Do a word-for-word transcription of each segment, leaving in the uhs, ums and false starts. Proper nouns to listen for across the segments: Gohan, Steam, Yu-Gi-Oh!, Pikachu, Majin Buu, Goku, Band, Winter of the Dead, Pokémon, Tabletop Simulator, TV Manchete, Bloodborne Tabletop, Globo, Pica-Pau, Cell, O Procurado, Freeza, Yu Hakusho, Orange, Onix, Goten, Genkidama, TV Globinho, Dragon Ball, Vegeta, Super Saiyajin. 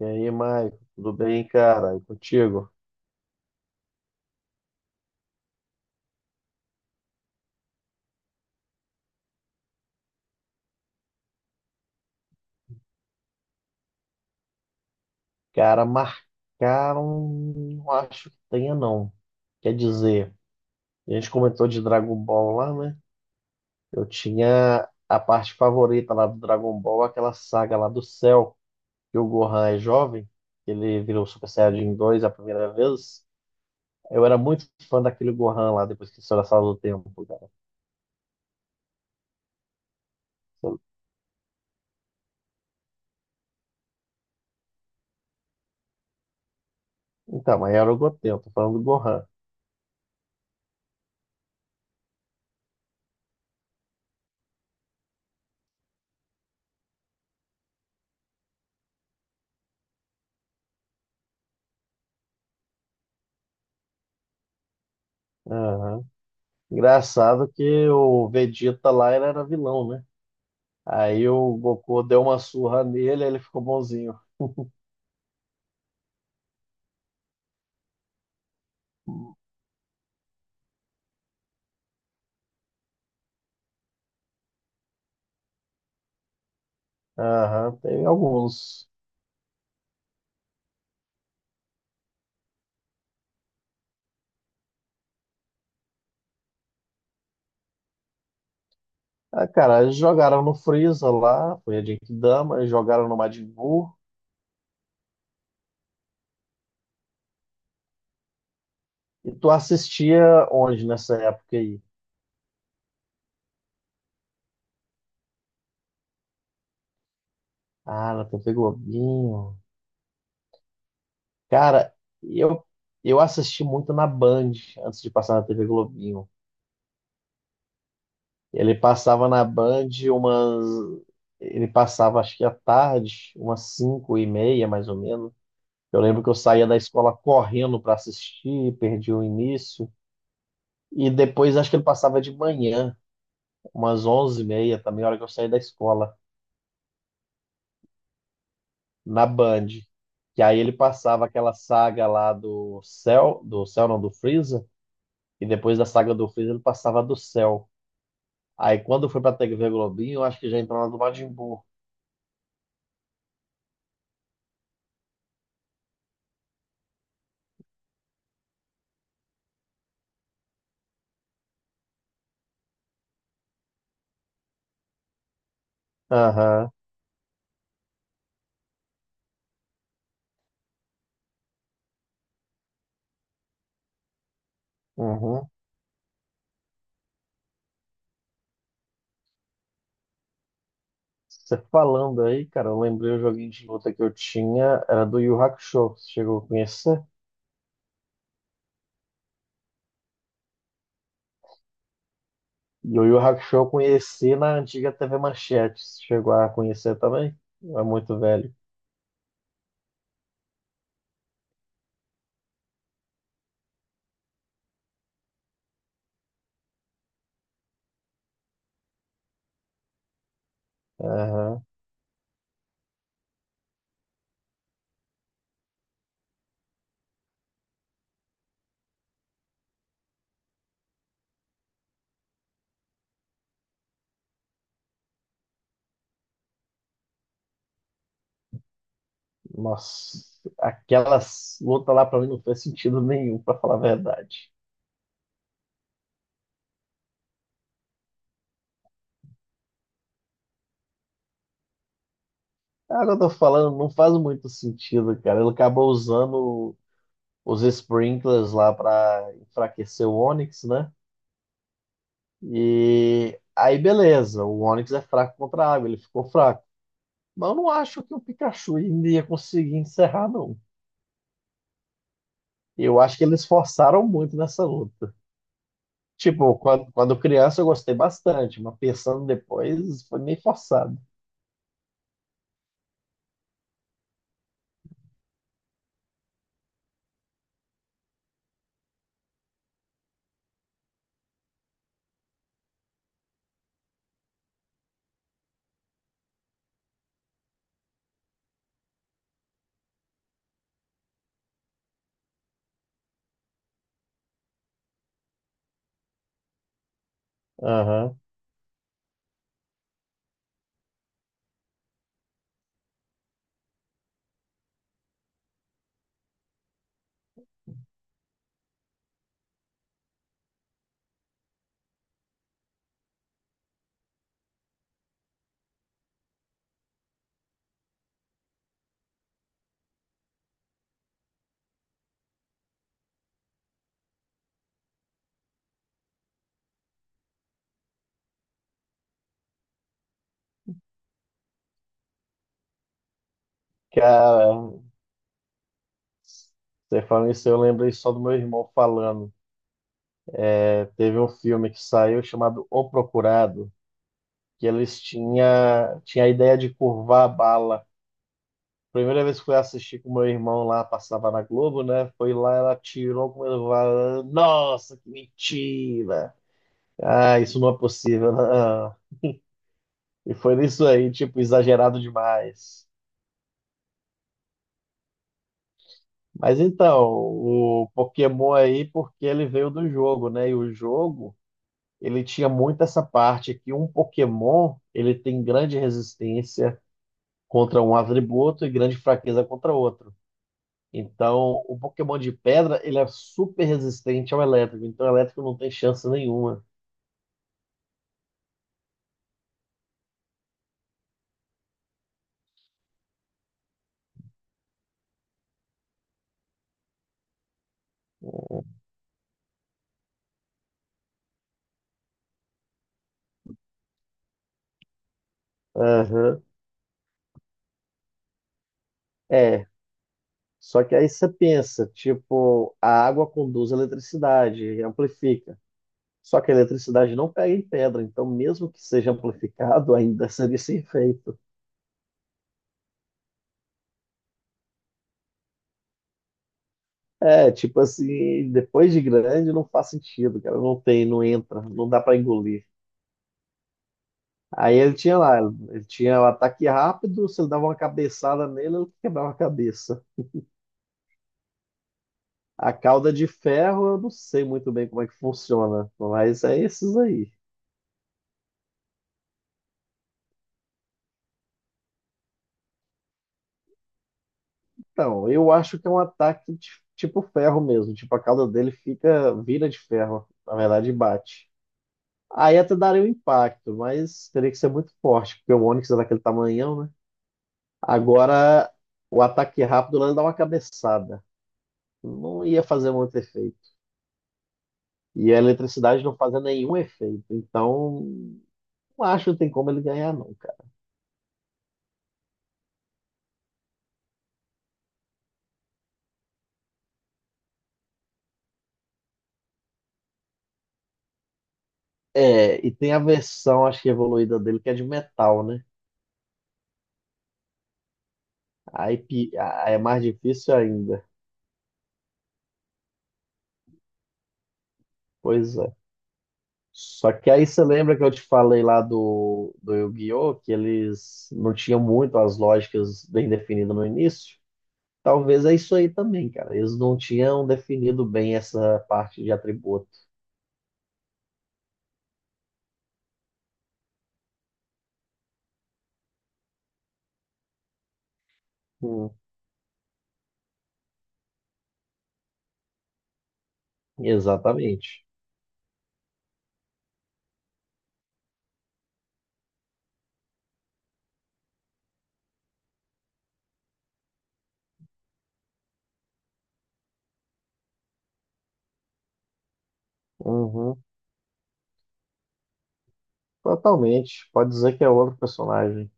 E aí, Maicon, tudo bem, cara? E contigo? Cara, marcaram, não acho que tenha, não. Quer dizer, a gente comentou de Dragon Ball lá, né? Eu tinha a parte favorita lá do Dragon Ball, aquela saga lá do céu, que o Gohan é jovem, ele virou Super Saiyajin dois a primeira vez. Eu era muito fã daquele Gohan lá, depois que saiu da sala do tempo, cara. Então, mas era o Goten, eu tô falando do Gohan. Aham. Engraçado que o Vegeta lá ele era vilão, né? Aí o Goku deu uma surra nele, ele ficou bonzinho. Aham, tem alguns. Ah, cara, eles jogaram no Freeza lá, foi a Genkidama, eles jogaram no Majin Buu. E tu assistia onde nessa época aí? Ah, na T V Globinho. Cara, eu, eu assisti muito na Band, antes de passar na T V Globinho. Ele passava na Band umas... Ele passava, acho que à tarde, umas cinco e meia, mais ou menos. Eu lembro que eu saía da escola correndo para assistir, perdi o início. E depois acho que ele passava de manhã, umas onze e meia também, a hora que eu saí da escola, na Band. Que aí ele passava aquela saga lá do Cell, do Cell não, do Freeza. E depois da saga do Freeza ele passava do Cell. Aí quando foi pra T V Globinho, eu acho que já entrou na do Majin Buu. Aham, uhum. Você falando aí, cara, eu lembrei o joguinho de luta que eu tinha, era do Yu Hakusho. Você chegou a conhecer? E o Yu Hakusho eu conheci na antiga T V Manchete. Você chegou a conhecer também? É muito velho. Aham. Nossa, aquelas lutas lá pra mim não fez sentido nenhum, pra falar a verdade. Ah, agora eu tô falando, não faz muito sentido, cara. Ele acabou usando os sprinklers lá pra enfraquecer o Onix, né? E aí, beleza, o Onix é fraco contra a água, ele ficou fraco. Mas eu não acho que o Pikachu ainda ia conseguir encerrar, não. Eu acho que eles forçaram muito nessa luta. Tipo, quando, quando criança eu gostei bastante, mas pensando depois foi meio forçado. Aham. Cara, você falando isso, eu lembrei só do meu irmão falando. É, teve um filme que saiu chamado O Procurado, que eles tinha, tinha a ideia de curvar a bala. Primeira vez que fui assistir com meu irmão lá, passava na Globo, né? Foi lá, ela tirou com ele, falou, nossa, que mentira! Ah, isso não é possível, não. E foi nisso aí, tipo, exagerado demais. Mas então, o Pokémon aí, porque ele veio do jogo, né? E o jogo, ele tinha muito essa parte que um Pokémon, ele tem grande resistência contra um atributo e grande fraqueza contra outro. Então, o Pokémon de pedra, ele é super resistente ao elétrico, então o elétrico não tem chance nenhuma. Aham. É, só que aí você pensa, tipo, a água conduz a eletricidade, amplifica. Só que a eletricidade não pega em pedra, então mesmo que seja amplificado, ainda seria sem efeito. É, tipo assim, depois de grande não faz sentido, cara, não tem, não entra, não dá pra engolir. Aí ele tinha lá, ele tinha o ataque rápido, se ele dava uma cabeçada nele, ele quebrava a cabeça. A cauda de ferro, eu não sei muito bem como é que funciona, mas é esses aí. Então, eu acho que é um ataque ti- tipo ferro mesmo, tipo a cauda dele fica, vira de ferro, na verdade bate. Aí até daria um impacto, mas teria que ser muito forte, porque o Onix é daquele tamanhão, né? Agora, o ataque rápido lá dá uma cabeçada. Não ia fazer muito efeito. E a eletricidade não fazia nenhum efeito. Então, não acho que tem como ele ganhar, não, cara. É, e tem a versão, acho que evoluída dele, que é de metal, né? Aí pi- aí é mais difícil ainda. Pois é. Só que aí você lembra que eu te falei lá do, do Yu-Gi-Oh! Que eles não tinham muito as lógicas bem definidas no início? Talvez é isso aí também, cara. Eles não tinham definido bem essa parte de atributo. Hum. Exatamente. Uhum. Totalmente. Pode dizer que é outro personagem.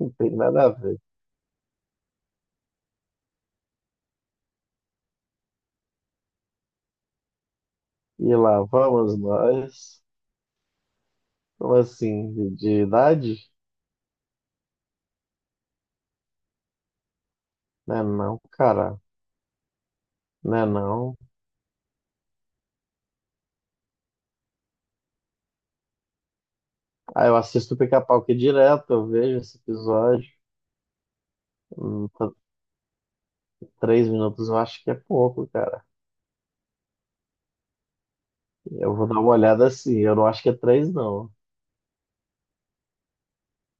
Não tem nada a ver. E lá vamos nós. Como assim? De, de idade? Né não, cara. Né não. Ah, eu assisto o Pica-Pau aqui direto, eu vejo esse episódio. Hum, tá. Três minutos eu acho que é pouco, cara. Eu vou dar uma olhada assim. Eu não acho que é três, não.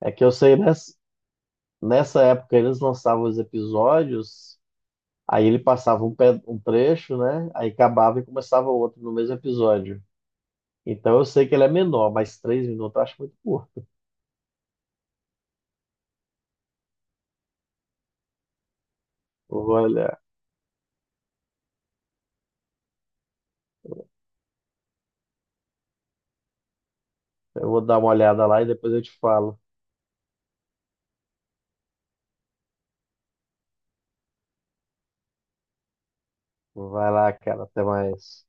É que eu sei, nessa, nessa época eles lançavam os episódios, aí ele passava um, pe- um trecho, né? Aí acabava e começava outro no mesmo episódio. Então eu sei que ele é menor, mas três minutos eu acho muito curto. Eu vou olhar. Eu vou dar uma olhada lá e depois eu te falo. Vai lá, cara. Até mais.